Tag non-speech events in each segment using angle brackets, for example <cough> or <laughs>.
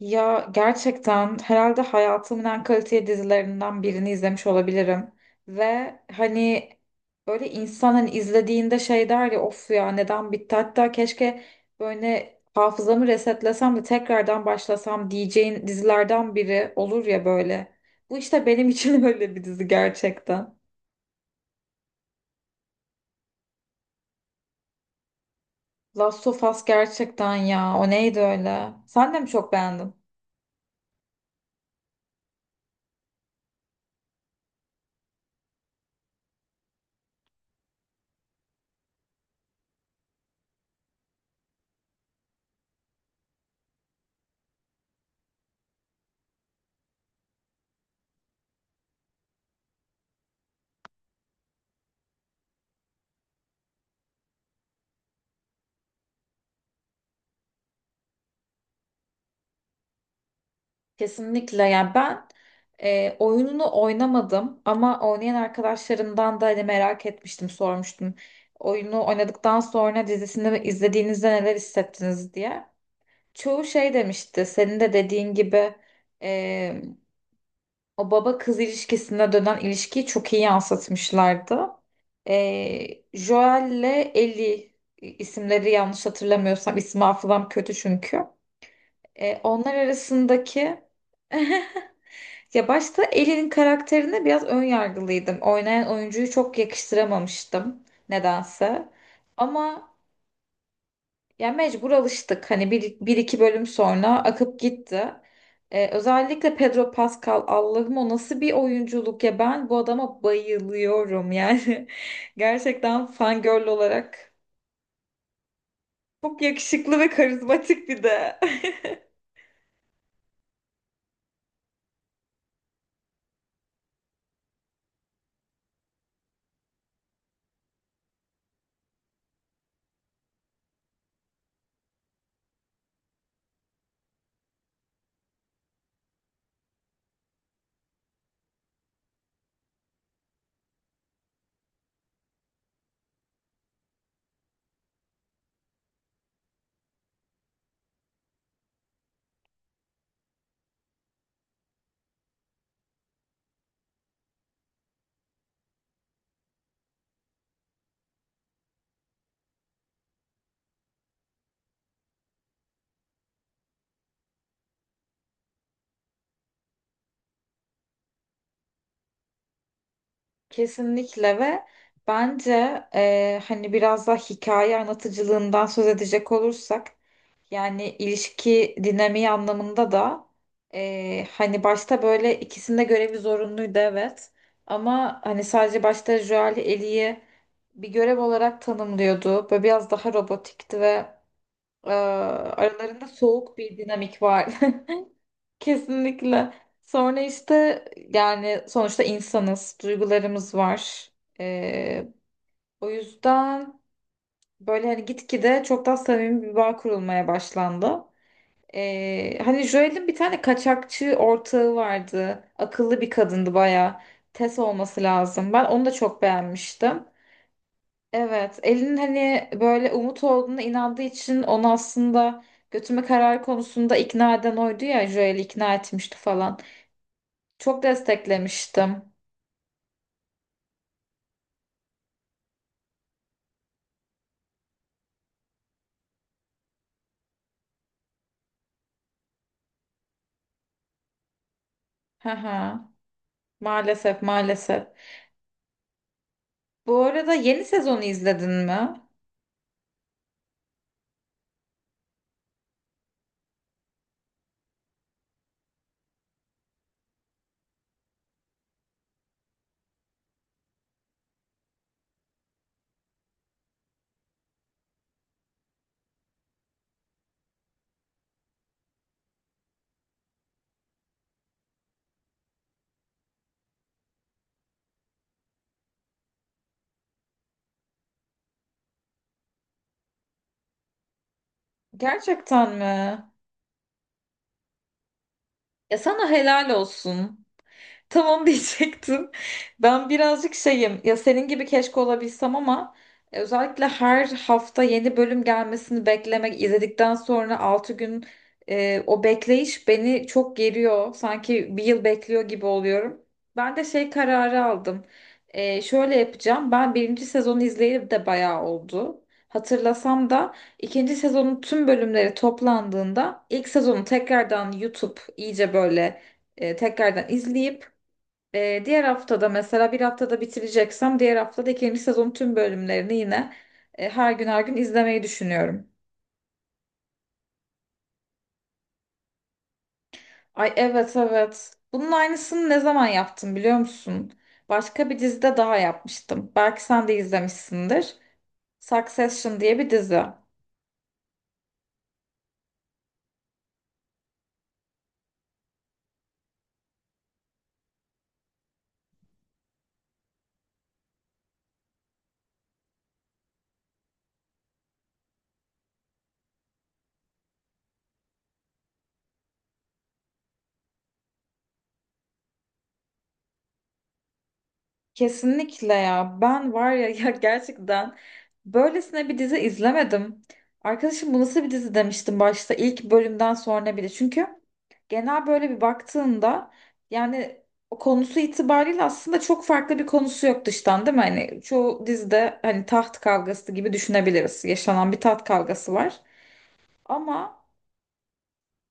Ya gerçekten herhalde hayatımın en kaliteli dizilerinden birini izlemiş olabilirim. Ve hani böyle insan hani izlediğinde şey der ya of ya neden bitti hatta keşke böyle hafızamı resetlesem de tekrardan başlasam diyeceğin dizilerden biri olur ya böyle. Bu işte benim için <laughs> öyle bir dizi gerçekten. Last of Us gerçekten ya o neydi öyle? Sen de mi çok beğendin? Kesinlikle yani ben oyununu oynamadım ama oynayan arkadaşlarımdan da hani merak etmiştim sormuştum. Oyunu oynadıktan sonra dizisini izlediğinizde neler hissettiniz diye. Çoğu şey demişti senin de dediğin gibi e, o baba kız ilişkisine dönen ilişkiyi çok iyi yansıtmışlardı. Joel'le Ellie isimleri yanlış hatırlamıyorsam isim hafızam kötü çünkü. Onlar arasındaki <laughs> ya başta Ellie'nin karakterine biraz ön yargılıydım. Oynayan oyuncuyu çok yakıştıramamıştım nedense. Ama ya mecbur alıştık. Hani bir iki bölüm sonra akıp gitti. Özellikle Pedro Pascal Allah'ım o nasıl bir oyunculuk ya ben bu adama bayılıyorum yani. <laughs> Gerçekten fangirl olarak çok yakışıklı ve karizmatik bir de. <laughs> Kesinlikle ve bence hani biraz daha hikaye anlatıcılığından söz edecek olursak yani ilişki dinamiği anlamında da hani başta böyle ikisinde görevi zorunluydu evet ama hani sadece başta Joel Ellie'yi bir görev olarak tanımlıyordu. Böyle biraz daha robotikti ve aralarında soğuk bir dinamik var. <laughs> Kesinlikle. Sonra işte yani sonuçta insanız, duygularımız var. Ee, o yüzden böyle hani gitgide çok daha samimi bir bağ kurulmaya başlandı. Hani Joel'in bir tane kaçakçı ortağı vardı. Akıllı bir kadındı baya. Tess olması lazım. Ben onu da çok beğenmiştim. Evet, Elin hani böyle umut olduğuna inandığı için onu aslında götürme kararı konusunda ikna eden oydu ya Joel'i ikna etmişti falan. Çok desteklemiştim. Hı hı. Maalesef maalesef. Bu arada yeni sezonu izledin mi? Gerçekten mi? Ya sana helal olsun. Tamam <laughs> diyecektim. Ben birazcık şeyim ya senin gibi keşke olabilsem ama özellikle her hafta yeni bölüm gelmesini beklemek izledikten sonra 6 gün o bekleyiş beni çok geriyor. Sanki bir yıl bekliyor gibi oluyorum. Ben de şey kararı aldım. Şöyle yapacağım. Ben birinci sezonu izleyip de bayağı oldu. Hatırlasam da ikinci sezonun tüm bölümleri toplandığında ilk sezonu tekrardan YouTube iyice böyle tekrardan izleyip diğer haftada mesela bir haftada bitireceksem diğer haftada ikinci sezonun tüm bölümlerini yine her gün her gün izlemeyi düşünüyorum. Ay, evet, evet. Bunun aynısını ne zaman yaptım biliyor musun? Başka bir dizide daha yapmıştım. Belki sen de izlemişsindir. Succession diye bir dizi. Kesinlikle ya. Ben var ya, <laughs> ya gerçekten böylesine bir dizi izlemedim. Arkadaşım bu nasıl bir dizi demiştim başta ilk bölümden sonra bile. Çünkü genel böyle bir baktığında yani o konusu itibariyle aslında çok farklı bir konusu yok dıştan değil mi? Hani çoğu dizide hani taht kavgası gibi düşünebiliriz. Yaşanan bir taht kavgası var. Ama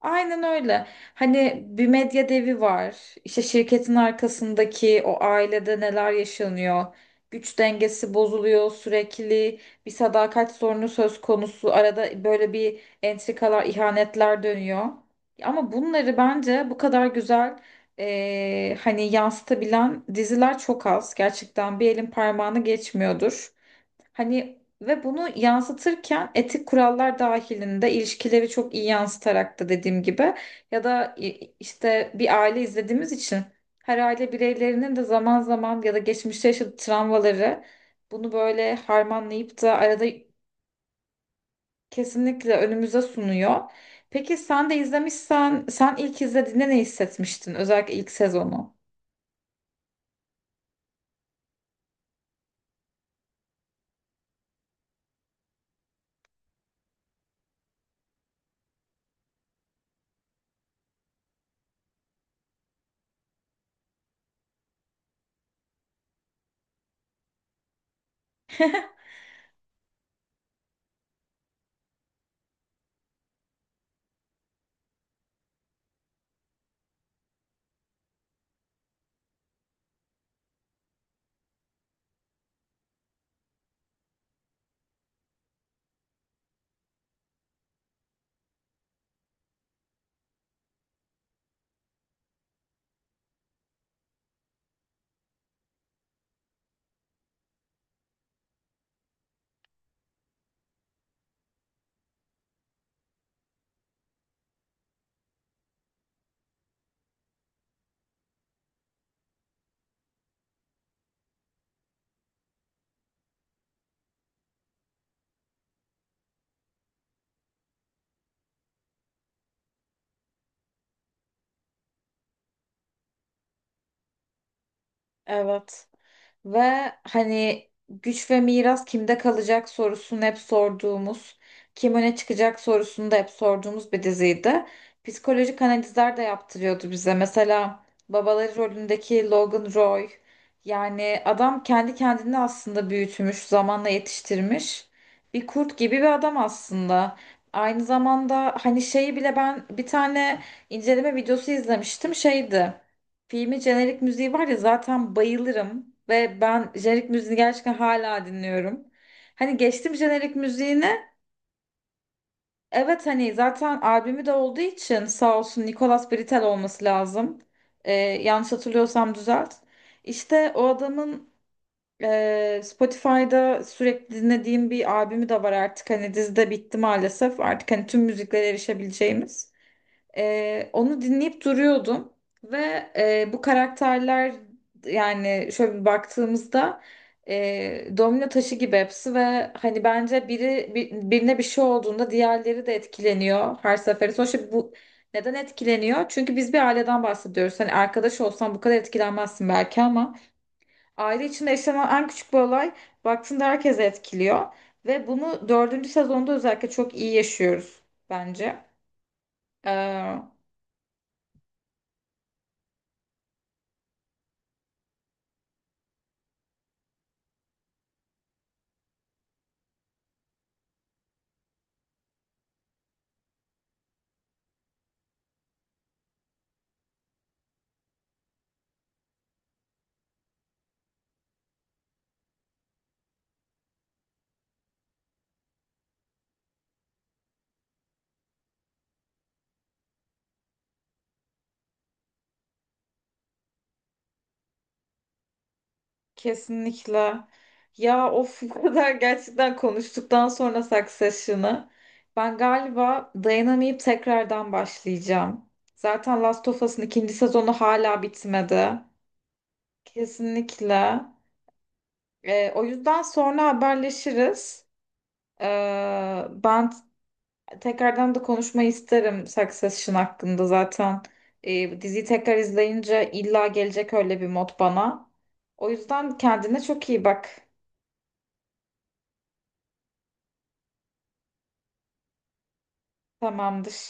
aynen öyle. Hani bir medya devi var. İşte şirketin arkasındaki o ailede neler yaşanıyor. Güç dengesi bozuluyor sürekli. Bir sadakat sorunu söz konusu. Arada böyle bir entrikalar, ihanetler dönüyor. Ama bunları bence bu kadar güzel hani yansıtabilen diziler çok az. Gerçekten bir elin parmağını geçmiyordur. Hani ve bunu yansıtırken etik kurallar dahilinde ilişkileri çok iyi yansıtarak da dediğim gibi ya da işte bir aile izlediğimiz için her aile bireylerinin de zaman zaman ya da geçmişte yaşadığı travmaları bunu böyle harmanlayıp da arada kesinlikle önümüze sunuyor. Peki sen de izlemişsen sen ilk izlediğinde ne hissetmiştin? Özellikle ilk sezonu. <laughs> Evet. Ve hani güç ve miras kimde kalacak sorusunu hep sorduğumuz, kim öne çıkacak sorusunu da hep sorduğumuz bir diziydi. Psikolojik analizler de yaptırıyordu bize. Mesela babaları rolündeki Logan Roy. Yani adam kendi kendini aslında büyütmüş, zamanla yetiştirmiş. Bir kurt gibi bir adam aslında. Aynı zamanda hani şeyi bile ben bir tane inceleme videosu izlemiştim şeydi. Filmin jenerik müziği var ya zaten bayılırım ve ben jenerik müziği gerçekten hala dinliyorum. Hani geçtim jenerik müziğine. Evet hani zaten albümü de olduğu için sağ olsun Nicolas Britel olması lazım. Yanlış hatırlıyorsam düzelt. İşte o adamın Spotify'da sürekli dinlediğim bir albümü de var artık. Hani dizide bitti maalesef. Artık hani tüm müziklere erişebileceğimiz. Onu dinleyip duruyordum ve bu karakterler yani şöyle bir baktığımızda domino taşı gibi hepsi ve hani bence biri birine bir şey olduğunda diğerleri de etkileniyor her seferinde. Sonuçta bu neden etkileniyor? Çünkü biz bir aileden bahsediyoruz. Hani arkadaş olsan bu kadar etkilenmezsin belki ama aile içinde yaşanan en küçük bir olay baktığında herkese etkiliyor ve bunu dördüncü sezonda özellikle çok iyi yaşıyoruz bence. Kesinlikle. Ya of bu kadar gerçekten konuştuktan sonra Succession'ı ben galiba dayanamayıp tekrardan başlayacağım. Zaten Last of Us'ın ikinci sezonu hala bitmedi. Kesinlikle. O yüzden sonra haberleşiriz. Ben tekrardan da konuşmayı isterim Succession hakkında zaten. Diziyi tekrar izleyince illa gelecek öyle bir mod bana. O yüzden kendine çok iyi bak. Tamamdır.